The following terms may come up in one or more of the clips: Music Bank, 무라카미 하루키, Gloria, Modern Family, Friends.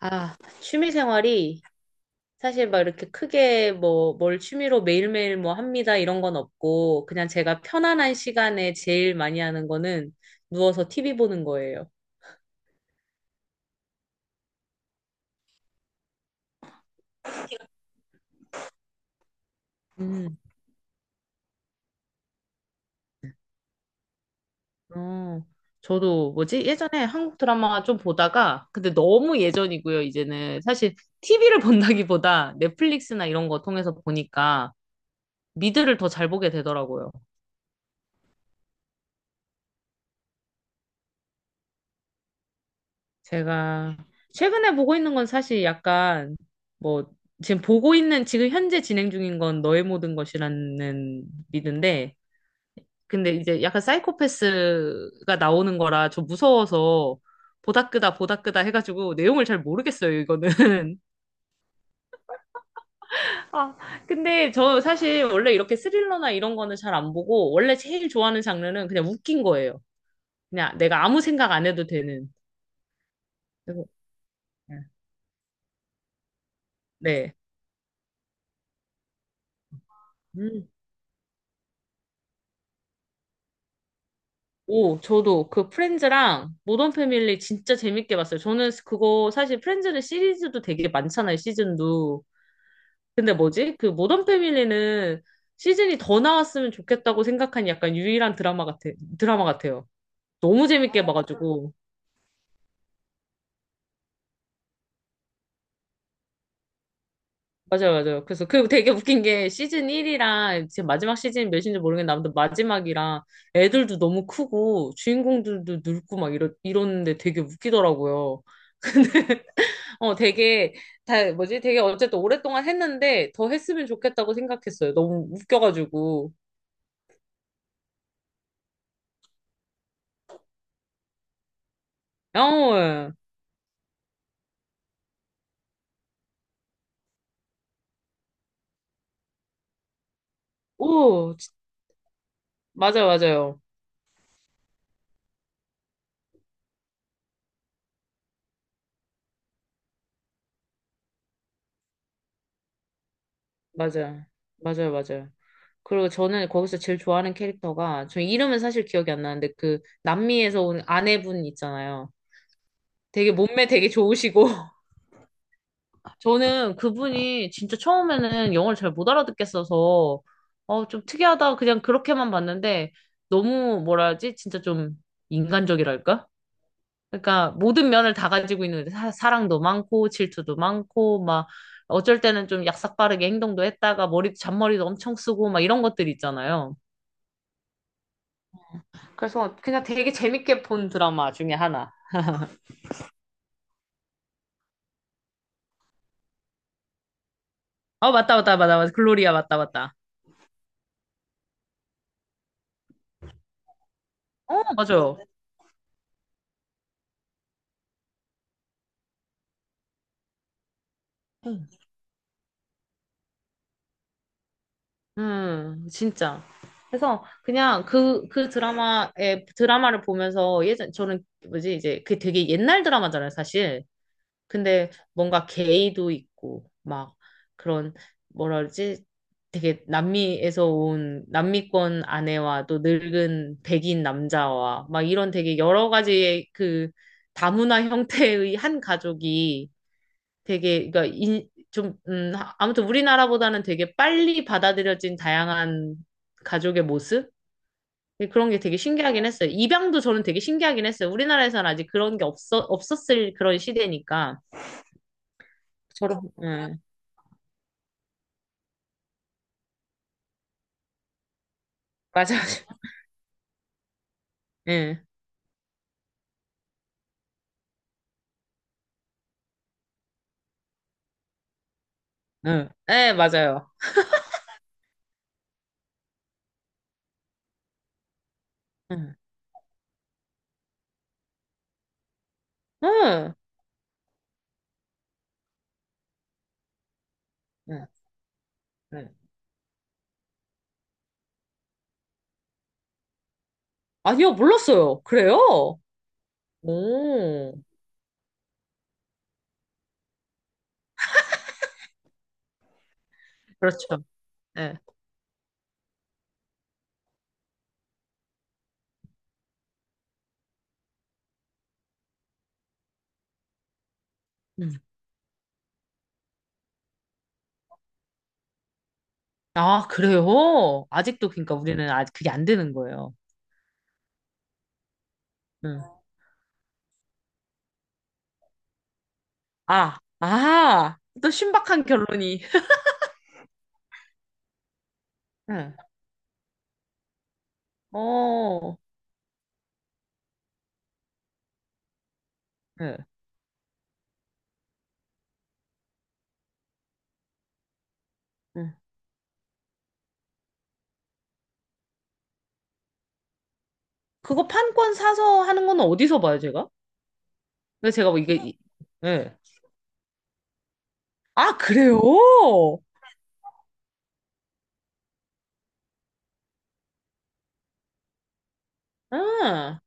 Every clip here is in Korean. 아, 취미 생활이 사실 막 이렇게 크게 뭐 뭘 취미로 매일매일 뭐 합니다 이런 건 없고 그냥 제가 편안한 시간에 제일 많이 하는 거는 누워서 TV 보는 거예요. 음, 어, 저도 뭐지? 예전에 한국 드라마 좀 보다가, 근데 너무 예전이고요, 이제는. 사실 TV를 본다기보다 넷플릭스나 이런 거 통해서 보니까 미드를 더 잘 보게 되더라고요. 제가 최근에 보고 있는 건 사실 약간 뭐 지금 보고 있는 지금 현재 진행 중인 건 너의 모든 것이라는 리드인데, 근데 이제 약간 사이코패스가 나오는 거라 저 무서워서 보다 끄다 보다 끄다 해가지고 내용을 잘 모르겠어요, 이거는. 아, 근데 저 사실 원래 이렇게 스릴러나 이런 거는 잘 안 보고 원래 제일 좋아하는 장르는 그냥 웃긴 거예요. 그냥 내가 아무 생각 안 해도 되는. 그래서, 네, 음. 오, 저도 그 프렌즈랑 모던 패밀리 진짜 재밌게 봤어요. 저는 그거 사실 프렌즈는 시리즈도 되게 많잖아요, 시즌도. 근데 뭐지? 그 모던 패밀리는 시즌이 더 나왔으면 좋겠다고 생각한 약간 유일한 드라마 같아요. 너무 재밌게 봐가지고. 맞아요, 맞아요. 그래서 그 되게 웃긴 게 시즌 1이랑 지금 마지막 시즌 몇인지 모르겠는데 아무튼 마지막이랑 애들도 너무 크고 주인공들도 늙고 막 이러는데 되게 웃기더라고요. 어, 되게, 다, 뭐지? 되게 어쨌든 오랫동안 했는데 더 했으면 좋겠다고 생각했어요. 너무 웃겨가지고. 어, 예. 오, 맞아요, 맞아요. 맞아요. 맞아요, 맞아요. 그리고 저는 거기서 제일 좋아하는 캐릭터가, 저 이름은 사실 기억이 안 나는데 그 남미에서 온 아내분 있잖아요. 되게 몸매 되게 좋으시고. 저는 그분이 진짜 처음에는 영어를 잘 못 알아듣겠어서, 어, 좀 특이하다. 그냥 그렇게만 봤는데 너무 뭐라 하지? 진짜 좀 인간적이랄까? 그러니까 모든 면을 다 가지고 있는, 사랑도 많고 질투도 많고 막 어쩔 때는 좀 약삭빠르게 행동도 했다가 머리 잔머리도 엄청 쓰고 막 이런 것들 있잖아요. 그래서 그냥 되게 재밌게 본 드라마 중에 하나. 아, 맞다, 맞다, 맞다, 맞다, 글로리아, 맞다, 맞다. 어, 맞아요. 응. 진짜. 그래서 그냥 그 드라마를 보면서 예전, 저는 뭐지, 이제 그게 되게 옛날 드라마잖아요, 사실. 근데 뭔가 게이도 있고 막 그런, 뭐라 그러지? 되게 남미에서 온 남미권 아내와 또 늙은 백인 남자와 막 이런 되게 여러 가지의 그 다문화 형태의 한 가족이 되게, 그러니까 좀 아무튼 우리나라보다는 되게 빨리 받아들여진 다양한 가족의 모습? 그런 게 되게 신기하긴 했어요. 입양도 저는 되게 신기하긴 했어요. 우리나라에서는 아직 그런 게 없었을 그런 시대니까. 저런, 맞아. 예, 예, 예, 맞아요. 응, 응, 응, 응. 아니요, 몰랐어요. 그래요? 오, 그렇죠. 예. 음. 아, 그래요? 아직도, 그러니까 우리는 아직 그게 안 되는 거예요. 응. 아, 아, 또 신박한 결론이. 응, 어, 예, 응. 그거 판권 사서 하는 건 어디서 봐요, 제가? 근데 제가 뭐 이게, 예. 아, 그래요? 응.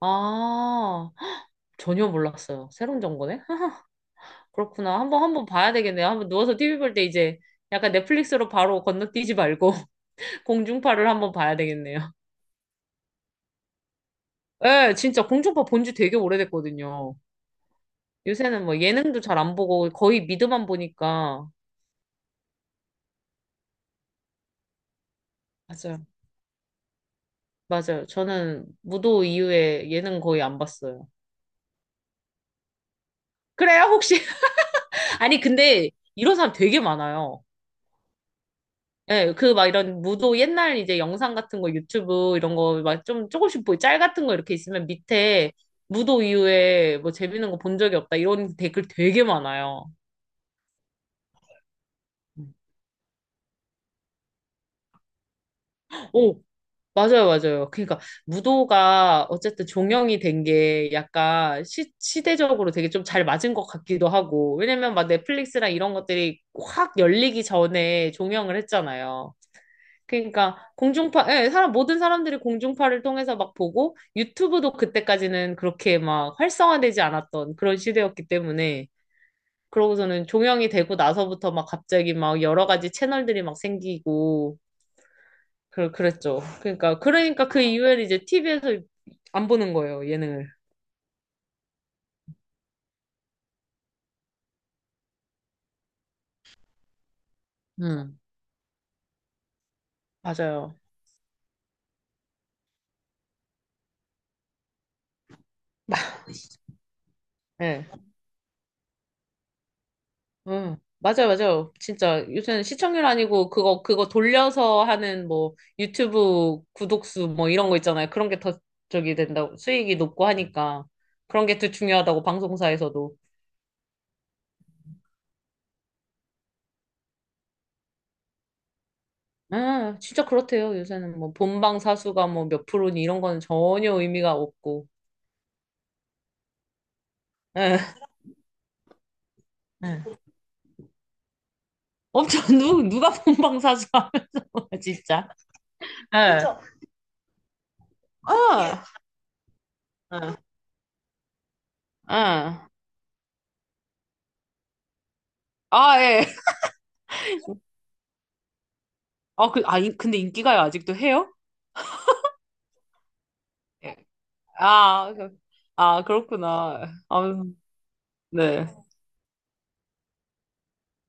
아, 헉, 전혀 몰랐어요. 새로운 정보네? 그렇구나. 한번 한번 봐야 되겠네요. 한번 누워서 TV 볼 때 이제 약간 넷플릭스로 바로 건너뛰지 말고 공중파를 한번 봐야 되겠네요. 예, 진짜 공중파 본지 되게 오래됐거든요. 요새는 뭐 예능도 잘 안 보고 거의 미드만 보니까. 맞아요. 맞아요. 저는 무도 이후에 예능 거의 안 봤어요. 그래요? 혹시? 아니, 근데 이런 사람 되게 많아요. 예, 그 막 이런 무도 옛날 이제 영상 같은 거 유튜브 이런 거 막 좀 조금씩 보이 짤 같은 거 이렇게 있으면 밑에 무도 이후에 뭐 재밌는 거 본 적이 없다 이런 댓글 되게 많아요. 음. 오, 맞아요, 맞아요. 그러니까 무도가 어쨌든 종영이 된 게 약간 시대적으로 되게 좀 잘 맞은 것 같기도 하고, 왜냐면 막 넷플릭스랑 이런 것들이 확 열리기 전에 종영을 했잖아요. 그러니까 공중파, 예, 사람, 모든 사람들이 공중파를 통해서 막 보고, 유튜브도 그때까지는 그렇게 막 활성화되지 않았던 그런 시대였기 때문에, 그러고서는 종영이 되고 나서부터 막 갑자기 막 여러 가지 채널들이 막 생기고 그 그랬죠. 그러니까 그 이후에는 이제 TV에서 안 보는 거예요, 예능을. 음, 맞아요. 예. 응, 맞아요, 맞아요. 진짜 요새는 시청률 아니고 그거 돌려서 하는 뭐 유튜브 구독수 뭐 이런 거 있잖아요. 그런 게 더 저기 된다고 수익이 높고 하니까 그런 게 더 중요하다고, 방송사에서도. 아, 진짜 그렇대요. 요새는 뭐 본방 사수가 뭐 몇 프로니 이런 거는 전혀 의미가 없고. 예, 예. 엄청 누 누가 본방 사수 하면 진짜. 예. 그, 아, 예, 예. 아, 예. 아, 그, 아, 근데 인기가요 아직도 해요? 예. 아, 아, 그렇구나. 아, 네.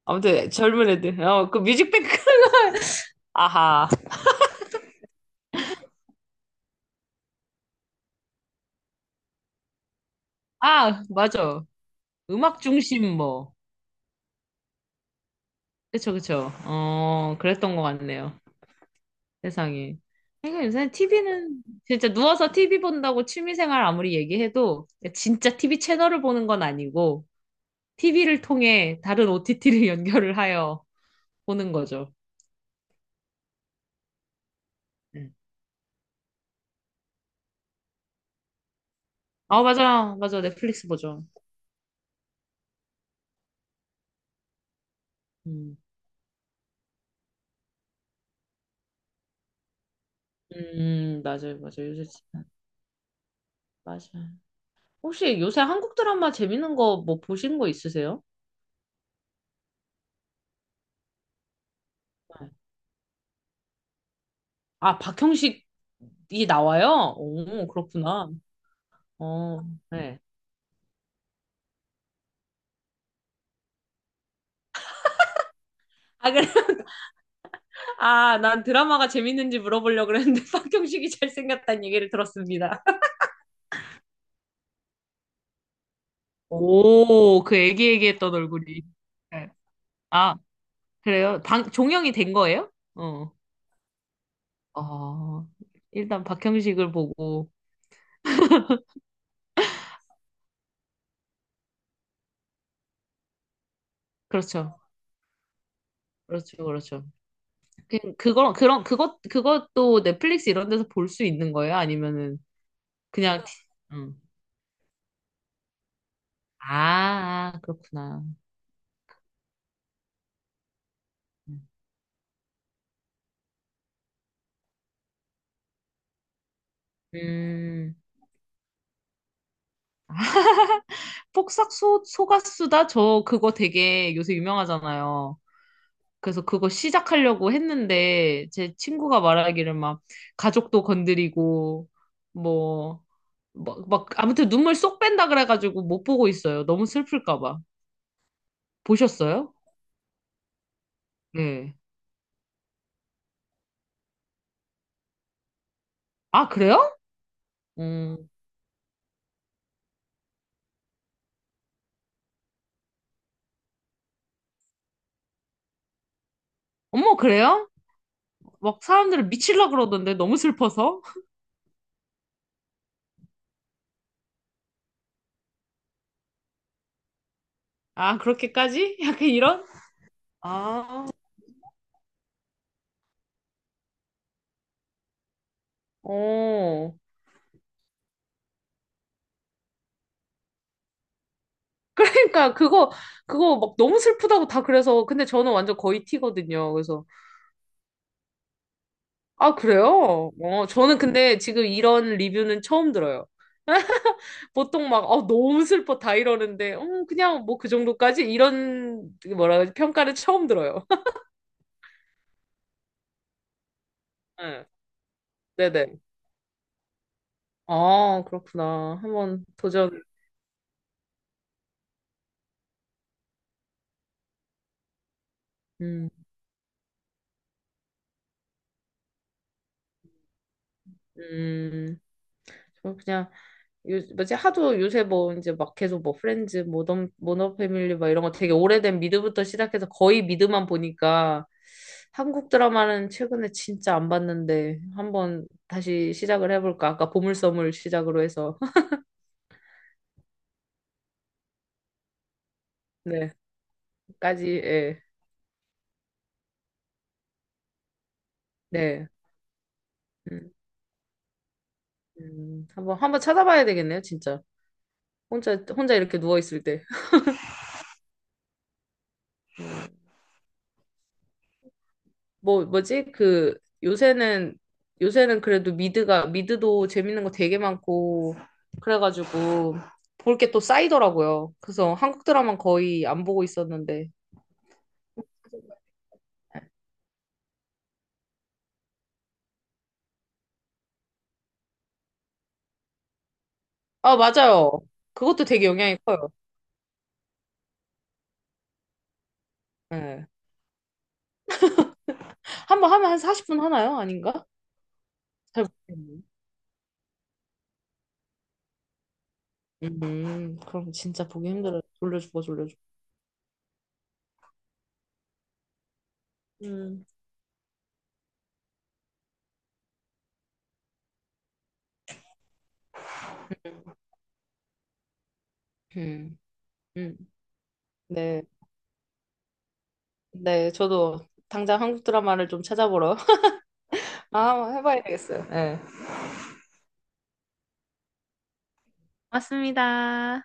아무튼 젊은 애들. 어, 그 뮤직뱅크. 아하. 아, 맞아. 음악 중심 뭐. 그쵸, 그쵸. 어, 그랬던 것 같네요. 세상에. 그러니까 요새 TV는 진짜 누워서 TV 본다고 취미생활 아무리 얘기해도 진짜 TV 채널을 보는 건 아니고 TV를 통해 다른 OTT를 연결을 하여 보는 거죠. 네. 아, 맞아. 맞아. 넷플릭스 보죠. 음, 맞아요. 맞아요. 요새 진짜. 맞아. 혹시 요새 한국 드라마 재밌는 거 뭐 보신 거 있으세요? 네. 아, 박형식이 나와요? 오, 그렇구나. 어, 네. 아, 그래. 아, 난 드라마가 재밌는지 물어보려고 그랬는데 박형식이 잘생겼다는 얘기를 들었습니다. 오, 그 애기애기했던 얼굴이. 네. 아, 그래요? 방, 종영이 된 거예요? 어. 어, 일단 박형식을 보고. 그렇죠. 그렇죠. 그렇죠. 그, 그거, 그런, 그것, 그것도 넷플릭스 이런 데서 볼 수 있는 거예요? 아니면은, 그냥, 티- 음. 아, 아, 그렇구나. 음, 폭삭 소, 소가수다? 저 그거 되게 요새 유명하잖아요. 그래서 그거 시작하려고 했는데, 제 친구가 말하기를 막, 가족도 건드리고, 뭐, 막, 막, 아무튼 눈물 쏙 뺀다 그래가지고 못 보고 있어요. 너무 슬플까 봐. 보셨어요? 네. 아, 그래요? 음, 어머, 그래요? 막 사람들을 미칠라 그러던데 너무 슬퍼서. 아, 그렇게까지? 약간 이런. 아, 어. 그러니까 그거 막 너무 슬프다고 다 그래서, 근데 저는 완전 거의 티거든요. 그래서 아, 그래요? 어, 저는 근데 지금 이런 리뷰는 처음 들어요. 보통 막 어, 너무 슬퍼 다 이러는데, 그냥 뭐 그 정도까지 이런, 뭐라 그러지, 평가를 처음 들어요. 네. 네네. 아, 그렇구나. 한번 도전. 음, 음. 저 그냥 요 뭐지 하도 요새 뭐 이제 막 계속 뭐 프렌즈, 모던, 모너 패밀리 막 이런 거 되게 오래된 미드부터 시작해서 거의 미드만 보니까 한국 드라마는 최근에 진짜 안 봤는데 한번 다시 시작을 해볼까? 아까 보물섬을 시작으로 해서 네까지. 예. 네. 음, 한번 한번 찾아봐야 되겠네요, 진짜. 혼자 혼자 이렇게 누워 있을 때. 뭐 뭐지? 그 요새는 요새는 그래도 미드가 미드도 재밌는 거 되게 많고 그래가지고 볼 게 또 쌓이더라고요. 그래서 한국 드라마 거의 안 보고 있었는데. 아, 맞아요. 그것도 되게 영향이 커요. 예. 한번 하면 한 40분 하나요? 아닌가? 잘 모르겠네요. 그럼 진짜 보기 힘들어요. 돌려주고 돌려주고. 음. 음. 음. 네. 네, 저도 당장 한국 드라마를 좀 찾아보러 아, 한번 해봐야 되겠어요. 예. 맞습니다.